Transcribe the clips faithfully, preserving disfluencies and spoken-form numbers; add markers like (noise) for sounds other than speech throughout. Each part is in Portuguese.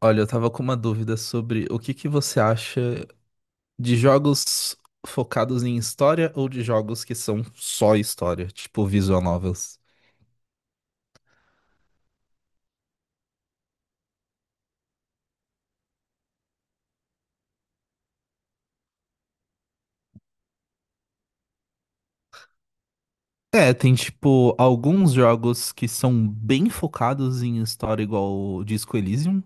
Olha, eu tava com uma dúvida sobre o que que você acha de jogos focados em história ou de jogos que são só história, tipo visual novels. É, tem tipo alguns jogos que são bem focados em história, igual o Disco Elysium,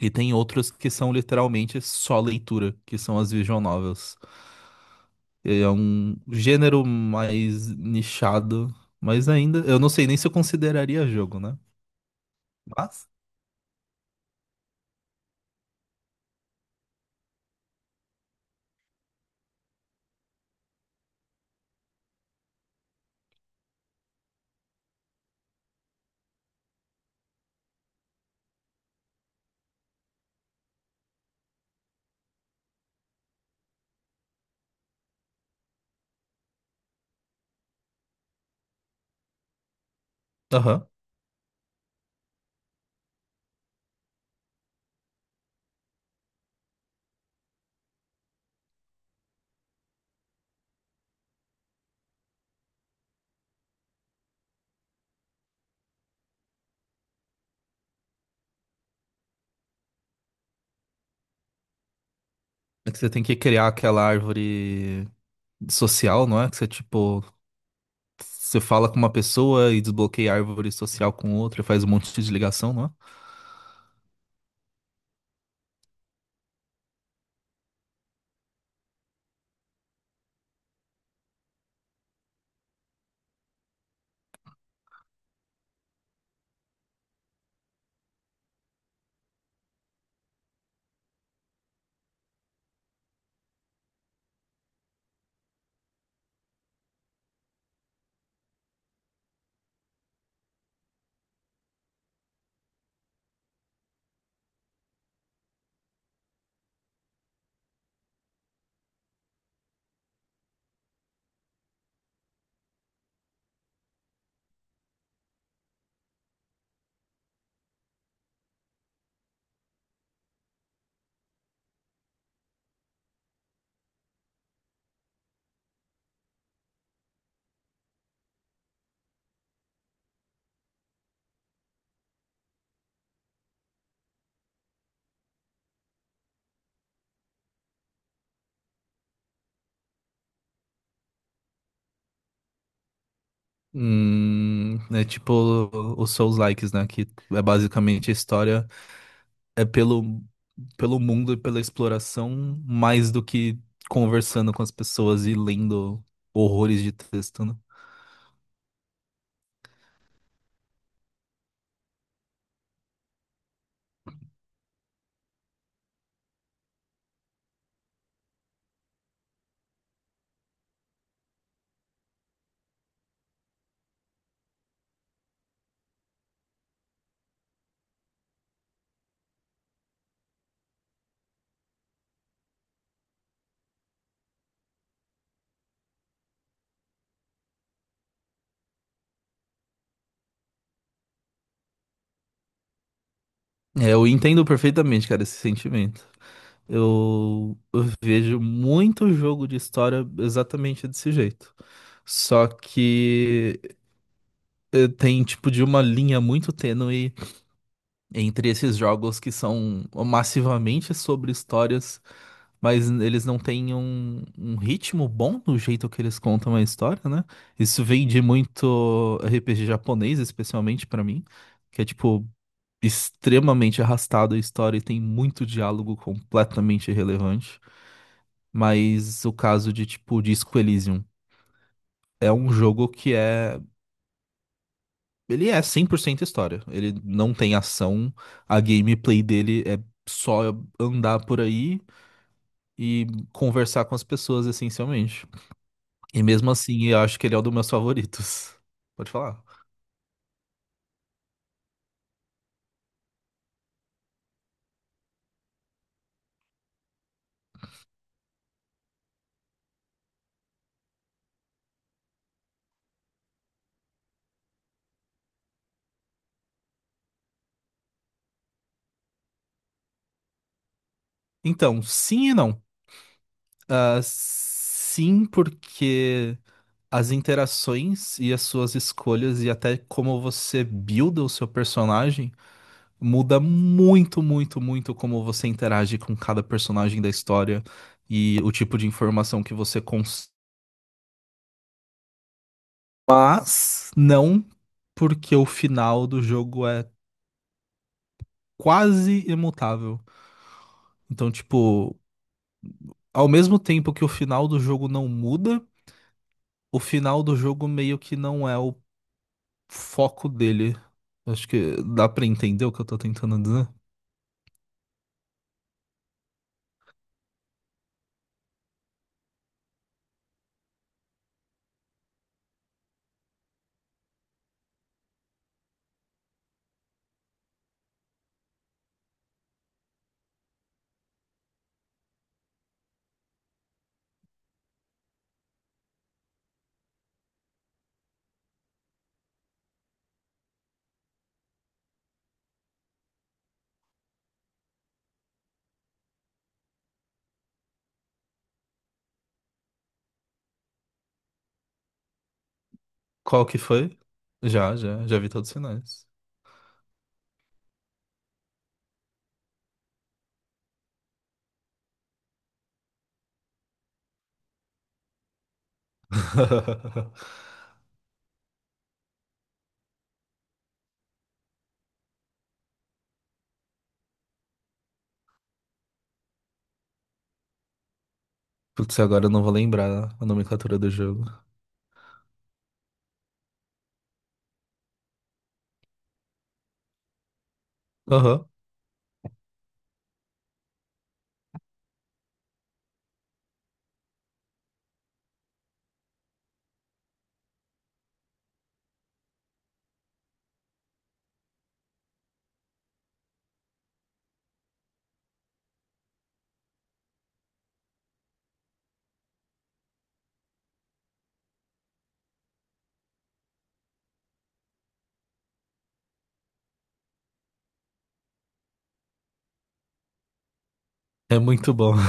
e tem outros que são literalmente só leitura, que são as visual novels. É um gênero mais nichado, mas ainda, eu não sei nem se eu consideraria jogo, né? Mas, aham. É que você tem que criar aquela árvore social, não é? Que você, tipo, você fala com uma pessoa e desbloqueia a árvore social com outra, e faz um monte de ligação, não é? Hum, é tipo os Souls Likes, né? Que é basicamente a história é pelo, pelo mundo e pela exploração, mais do que conversando com as pessoas e lendo horrores de texto, né? É, eu entendo perfeitamente, cara, esse sentimento. Eu, eu vejo muito jogo de história exatamente desse jeito. Só que eh, tem tipo de uma linha muito tênue entre esses jogos que são massivamente sobre histórias, mas eles não têm um, um ritmo bom no jeito que eles contam a história, né? Isso vem de muito R P G japonês, especialmente pra mim, que é tipo extremamente arrastado a história e tem muito diálogo completamente irrelevante. Mas o caso de, tipo, Disco Elysium é um jogo que é. Ele é cem por cento história. Ele não tem ação. A gameplay dele é só andar por aí e conversar com as pessoas, essencialmente. E mesmo assim, eu acho que ele é um dos meus favoritos. Pode falar. Então, sim e não. Ah, sim, porque as interações e as suas escolhas e até como você builda o seu personagem muda muito, muito, muito como você interage com cada personagem da história e o tipo de informação que você consome. Mas não porque o final do jogo é quase imutável. Então, tipo, ao mesmo tempo que o final do jogo não muda, o final do jogo meio que não é o foco dele. Acho que dá pra entender o que eu tô tentando dizer. Qual que foi? Já, já, já vi todos os sinais. (laughs) Putz, agora eu não vou lembrar a nomenclatura do jogo. Aham. É muito bom. (laughs)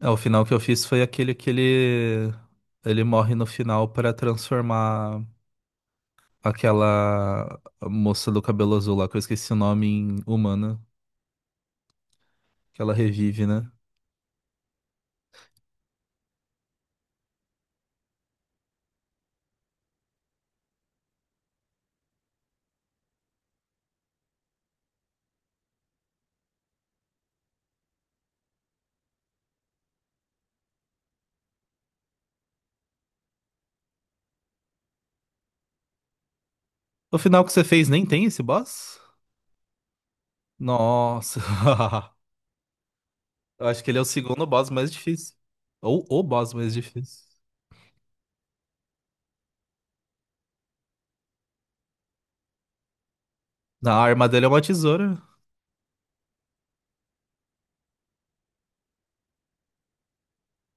É, o final que eu fiz foi aquele que ele, ele morre no final para transformar aquela moça do cabelo azul lá, que eu esqueci o nome, em humana, que ela revive, né? O final que você fez nem tem esse boss? Nossa. (laughs) Eu acho que ele é o segundo boss mais difícil. Ou o boss mais difícil. Na arma dele é uma tesoura.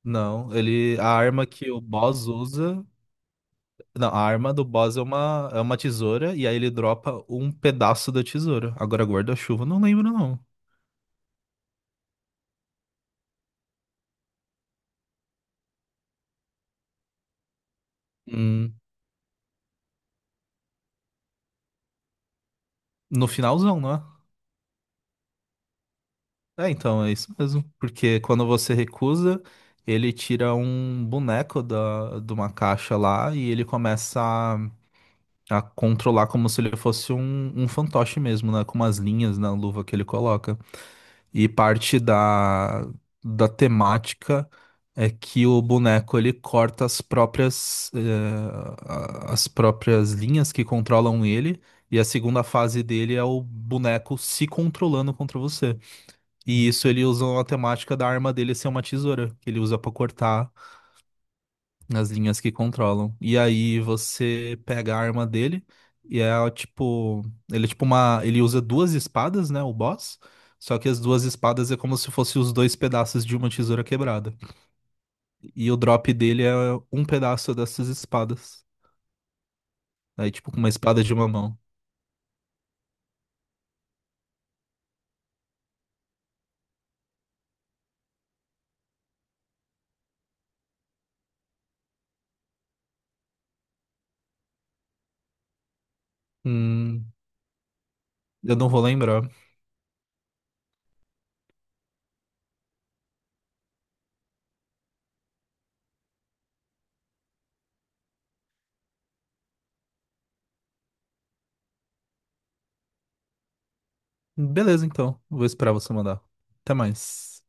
Não, ele, a arma que o boss usa. Não, a arma do boss é uma, é uma tesoura e aí ele dropa um pedaço da tesoura. Agora guarda-chuva, não lembro não. Hum, no finalzão, não é? É, então, é isso mesmo. Porque quando você recusa, ele tira um boneco da, de uma caixa lá e ele começa a, a controlar como se ele fosse um, um fantoche mesmo, né? Com umas linhas na luva que ele coloca. E parte da, da temática é que o boneco ele corta as próprias, eh, a- as próprias linhas que controlam ele, e a segunda fase dele é o boneco se controlando contra você. E isso ele usa a temática da arma dele ser uma tesoura, que ele usa pra cortar nas linhas que controlam. E aí você pega a arma dele e é tipo, ele é tipo uma, ele usa duas espadas, né, o boss. Só que as duas espadas é como se fossem os dois pedaços de uma tesoura quebrada. E o drop dele é um pedaço dessas espadas. Aí tipo com uma espada de uma mão. Hum, eu não vou lembrar. Beleza, então. Vou esperar você mandar. Até mais.